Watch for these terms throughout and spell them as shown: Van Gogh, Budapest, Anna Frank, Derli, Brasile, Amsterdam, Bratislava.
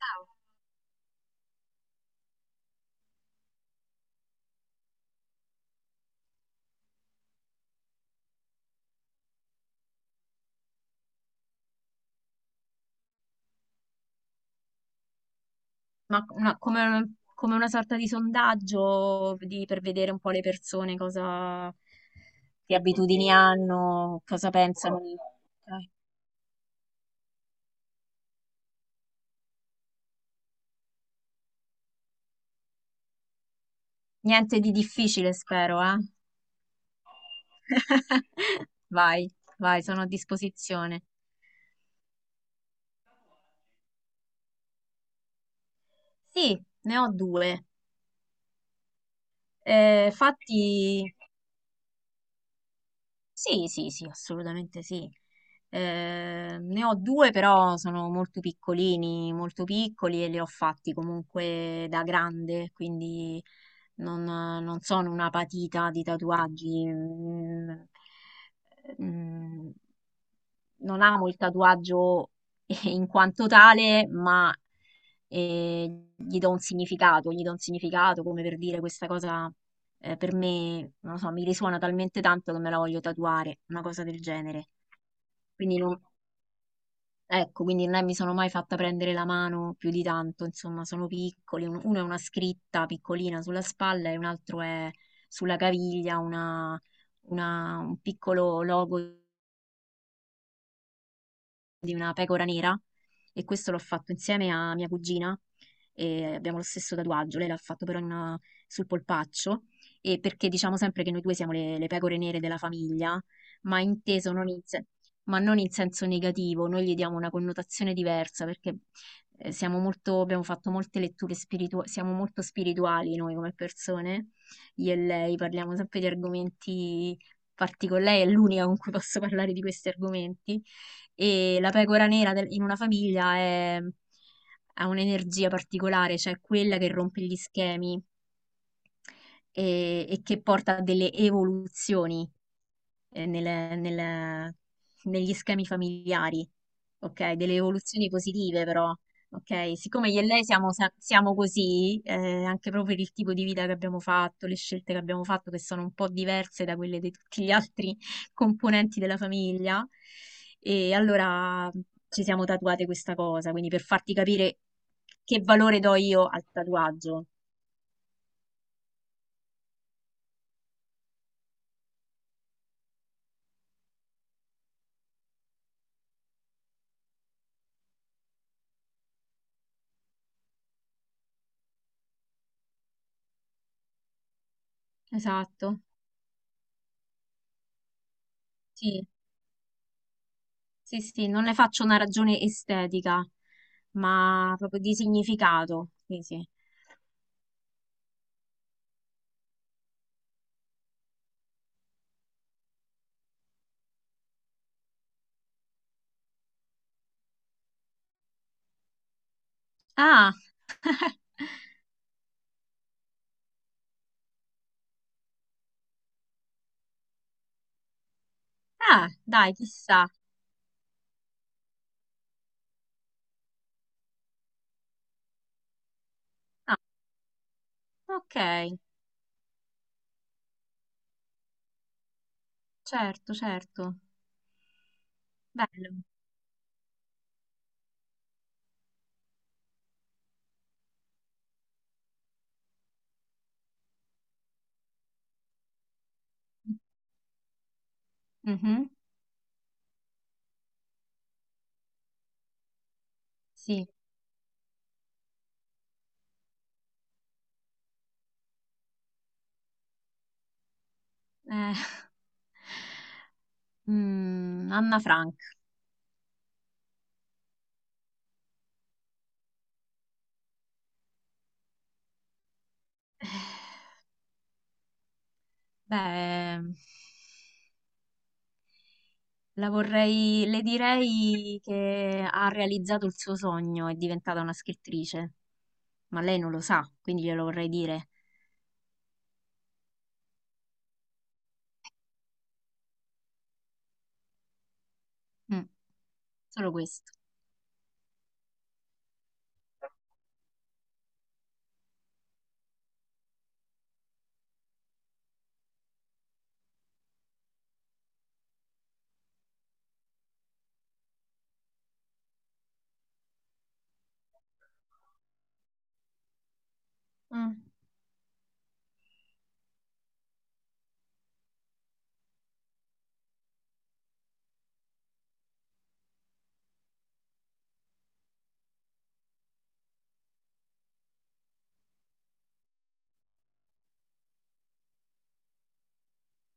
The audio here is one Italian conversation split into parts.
Wow. Ma come una sorta di sondaggio per vedere un po' le persone cosa, che abitudini hanno, cosa pensano. Ok. Niente di difficile, spero, eh? Vai, vai, sono a disposizione. Sì, ne ho due. Fatti Sì, sì, sì, assolutamente sì. Ne ho due, però sono molto piccolini, molto piccoli e li ho fatti comunque da grande, quindi non sono una patita di tatuaggi. Mm, Non amo il tatuaggio in quanto tale, ma eh, gli do un significato, gli do un significato come per dire questa cosa per me, non lo so, mi risuona talmente tanto che me la voglio tatuare, una cosa del genere. Quindi non, Ecco, quindi non è- mi sono mai fatta prendere la mano più di tanto, insomma, sono piccoli, uno è una scritta piccolina sulla spalla e un altro è sulla caviglia un piccolo logo di una pecora nera, e questo l'ho fatto insieme a mia cugina e abbiamo lo stesso tatuaggio, lei l'ha fatto però sul polpaccio, e perché diciamo sempre che noi due siamo le pecore nere della famiglia, ma inteso non in, se- ma non in senso negativo, noi gli diamo una connotazione diversa perché siamo molto, abbiamo fatto molte letture spirituali, siamo molto spirituali noi come persone, io e lei parliamo sempre di argomenti particolari, lei è l'unica con cui posso parlare di questi argomenti, e la pecora nera in una famiglia ha un'energia particolare, cioè quella che rompe gli schemi e che porta a delle evoluzioni eh, nelle- nel- negli schemi familiari, ok? Delle evoluzioni positive però, ok? Siccome io e lei siamo, siamo così, anche proprio per il tipo di vita che abbiamo fatto, le scelte che abbiamo fatto, che sono un po' diverse da quelle di tutti gli altri componenti della famiglia, e allora ci siamo tatuate questa cosa, quindi per farti capire che valore do io al tatuaggio. Esatto, sì. Sì, sì, non ne faccio una ragione estetica, ma proprio di significato. Sì, sì. Ah, ah, dai, chissà. Ah, ok, certo, certo. Bello. Mhm. Sì. Eh, Anna Frank. Beh, la vorrei, le direi che ha realizzato il suo sogno, è diventata una scrittrice, ma lei non lo sa, quindi glielo vorrei dire. Mm, solo questo. Mm,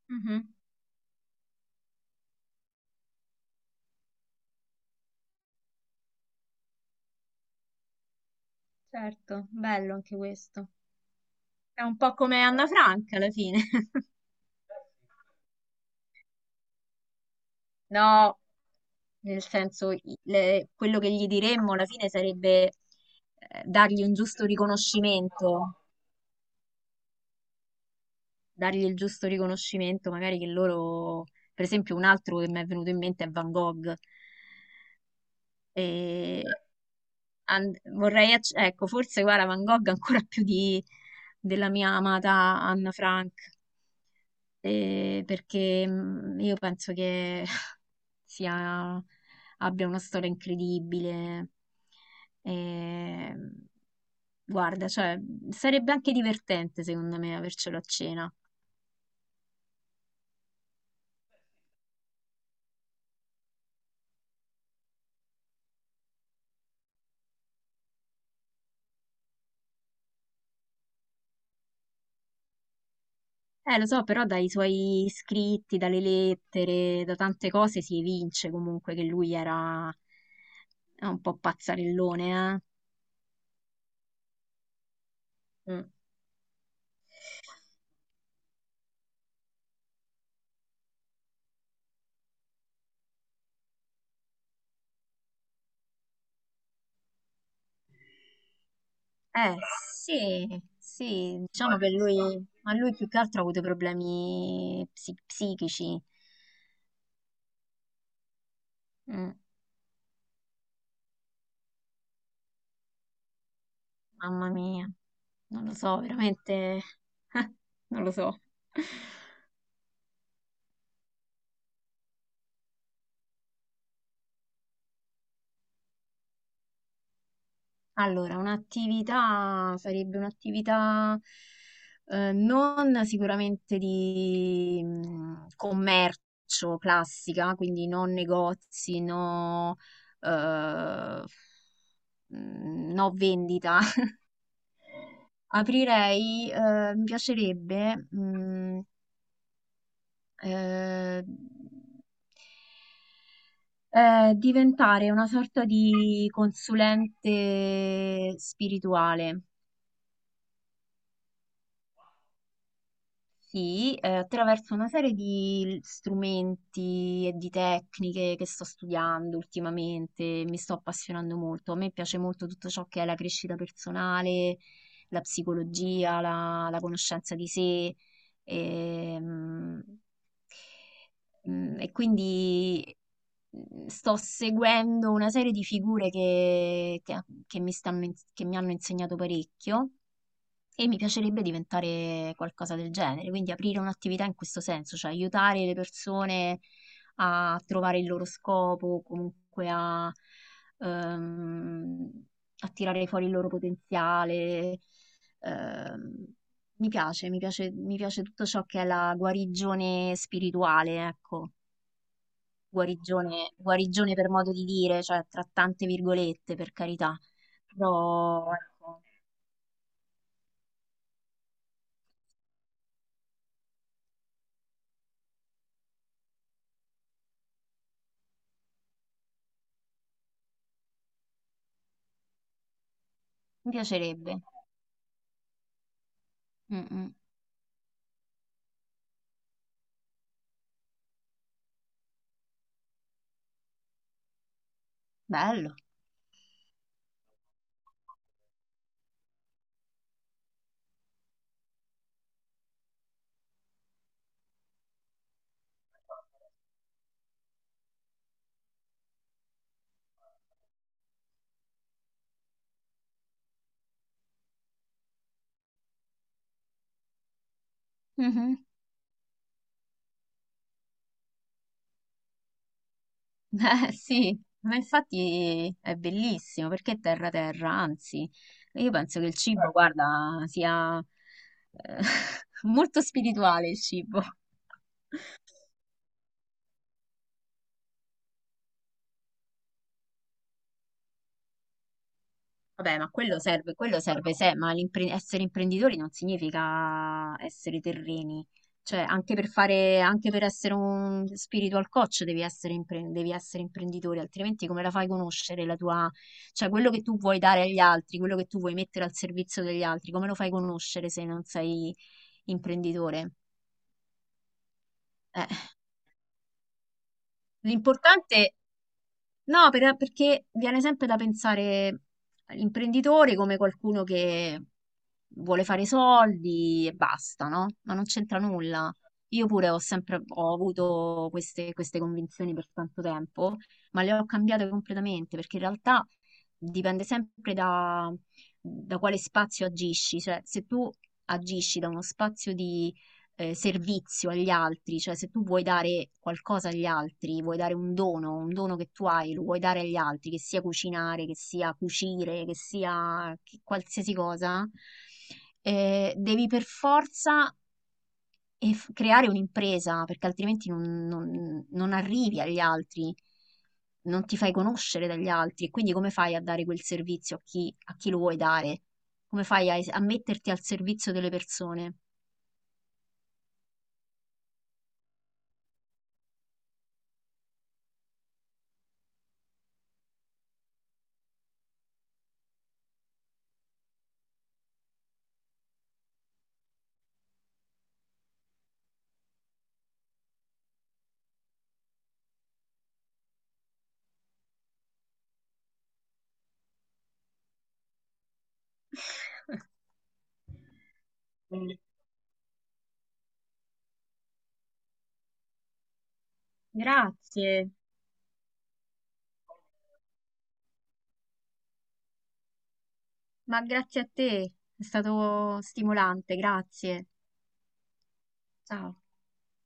mhm. Certo, bello anche questo. È un po' come Anna Franca alla fine. No. Nel senso, quello che gli diremmo alla fine sarebbe dargli un giusto riconoscimento, dargli il giusto riconoscimento, magari che loro, per esempio, un altro che mi è venuto in mente è Van Gogh. E vorrei, ecco, forse guarda Van Gogh ancora più di, della mia amata Anna Frank, perché io penso che sia, abbia una storia incredibile. E, guarda, cioè, sarebbe anche divertente secondo me avercelo a cena. Lo so, però dai suoi scritti, dalle lettere, da tante cose si evince comunque che lui era un po' pazzarellone, eh. Mm. Eh, sì, sì, ma lui più che altro ha avuto problemi psichici. Mm, Mamma mia, non lo so, veramente, non lo so. Allora, un'attività sarebbe un'attività non sicuramente di commercio classica, quindi non negozi, no, eh, no vendita. Aprirei, mi piacerebbe eh, diventare una sorta di consulente spirituale. Sì, attraverso una serie di strumenti e di tecniche che sto studiando ultimamente, mi sto appassionando molto. A me piace molto tutto ciò che è la crescita personale, la psicologia, la conoscenza di sé. ehm, E quindi sto seguendo una serie di figure che mi hanno insegnato parecchio, e mi piacerebbe diventare qualcosa del genere, quindi aprire un'attività in questo senso, cioè aiutare le persone a trovare il loro scopo, comunque ehm, a tirare fuori il loro potenziale. Ehm, mi piace tutto ciò che è la guarigione spirituale, ecco, guarigione per modo di dire, cioè tra tante virgolette, per carità, però ecco, mi piacerebbe. Mm, mm. Bello. Mhm. Eh sì, ma infatti è bellissimo perché è terra terra, anzi, io penso che il cibo, guarda, sia eh, molto spirituale il cibo. Vabbè, ma quello serve, se, ma essere imprenditori non significa essere terreni. Cioè, anche per fare, anche per essere un spiritual coach devi essere, devi essere imprenditore, altrimenti come la fai conoscere la tua, cioè quello che tu vuoi dare agli altri, quello che tu vuoi mettere al servizio degli altri, come lo fai conoscere se non sei imprenditore? Eh, L'importante No, perché viene sempre da pensare all'imprenditore come qualcuno che vuole fare soldi e basta, no? Ma non c'entra nulla. Io pure ho sempre ho avuto queste convinzioni per tanto tempo, ma le ho cambiate completamente perché in realtà dipende sempre da, quale spazio agisci. Cioè, se tu agisci da uno spazio di servizio agli altri, cioè se tu vuoi dare qualcosa agli altri, vuoi dare un dono che tu hai, lo vuoi dare agli altri, che sia cucinare, che sia cucire, che sia qualsiasi cosa, devi per forza creare un'impresa, perché altrimenti non arrivi agli altri. Non ti fai conoscere dagli altri, e quindi come fai a dare quel servizio a chi lo vuoi dare? Come fai a metterti al servizio delle persone? Grazie, ma grazie a te, è stato stimolante, grazie. Ciao.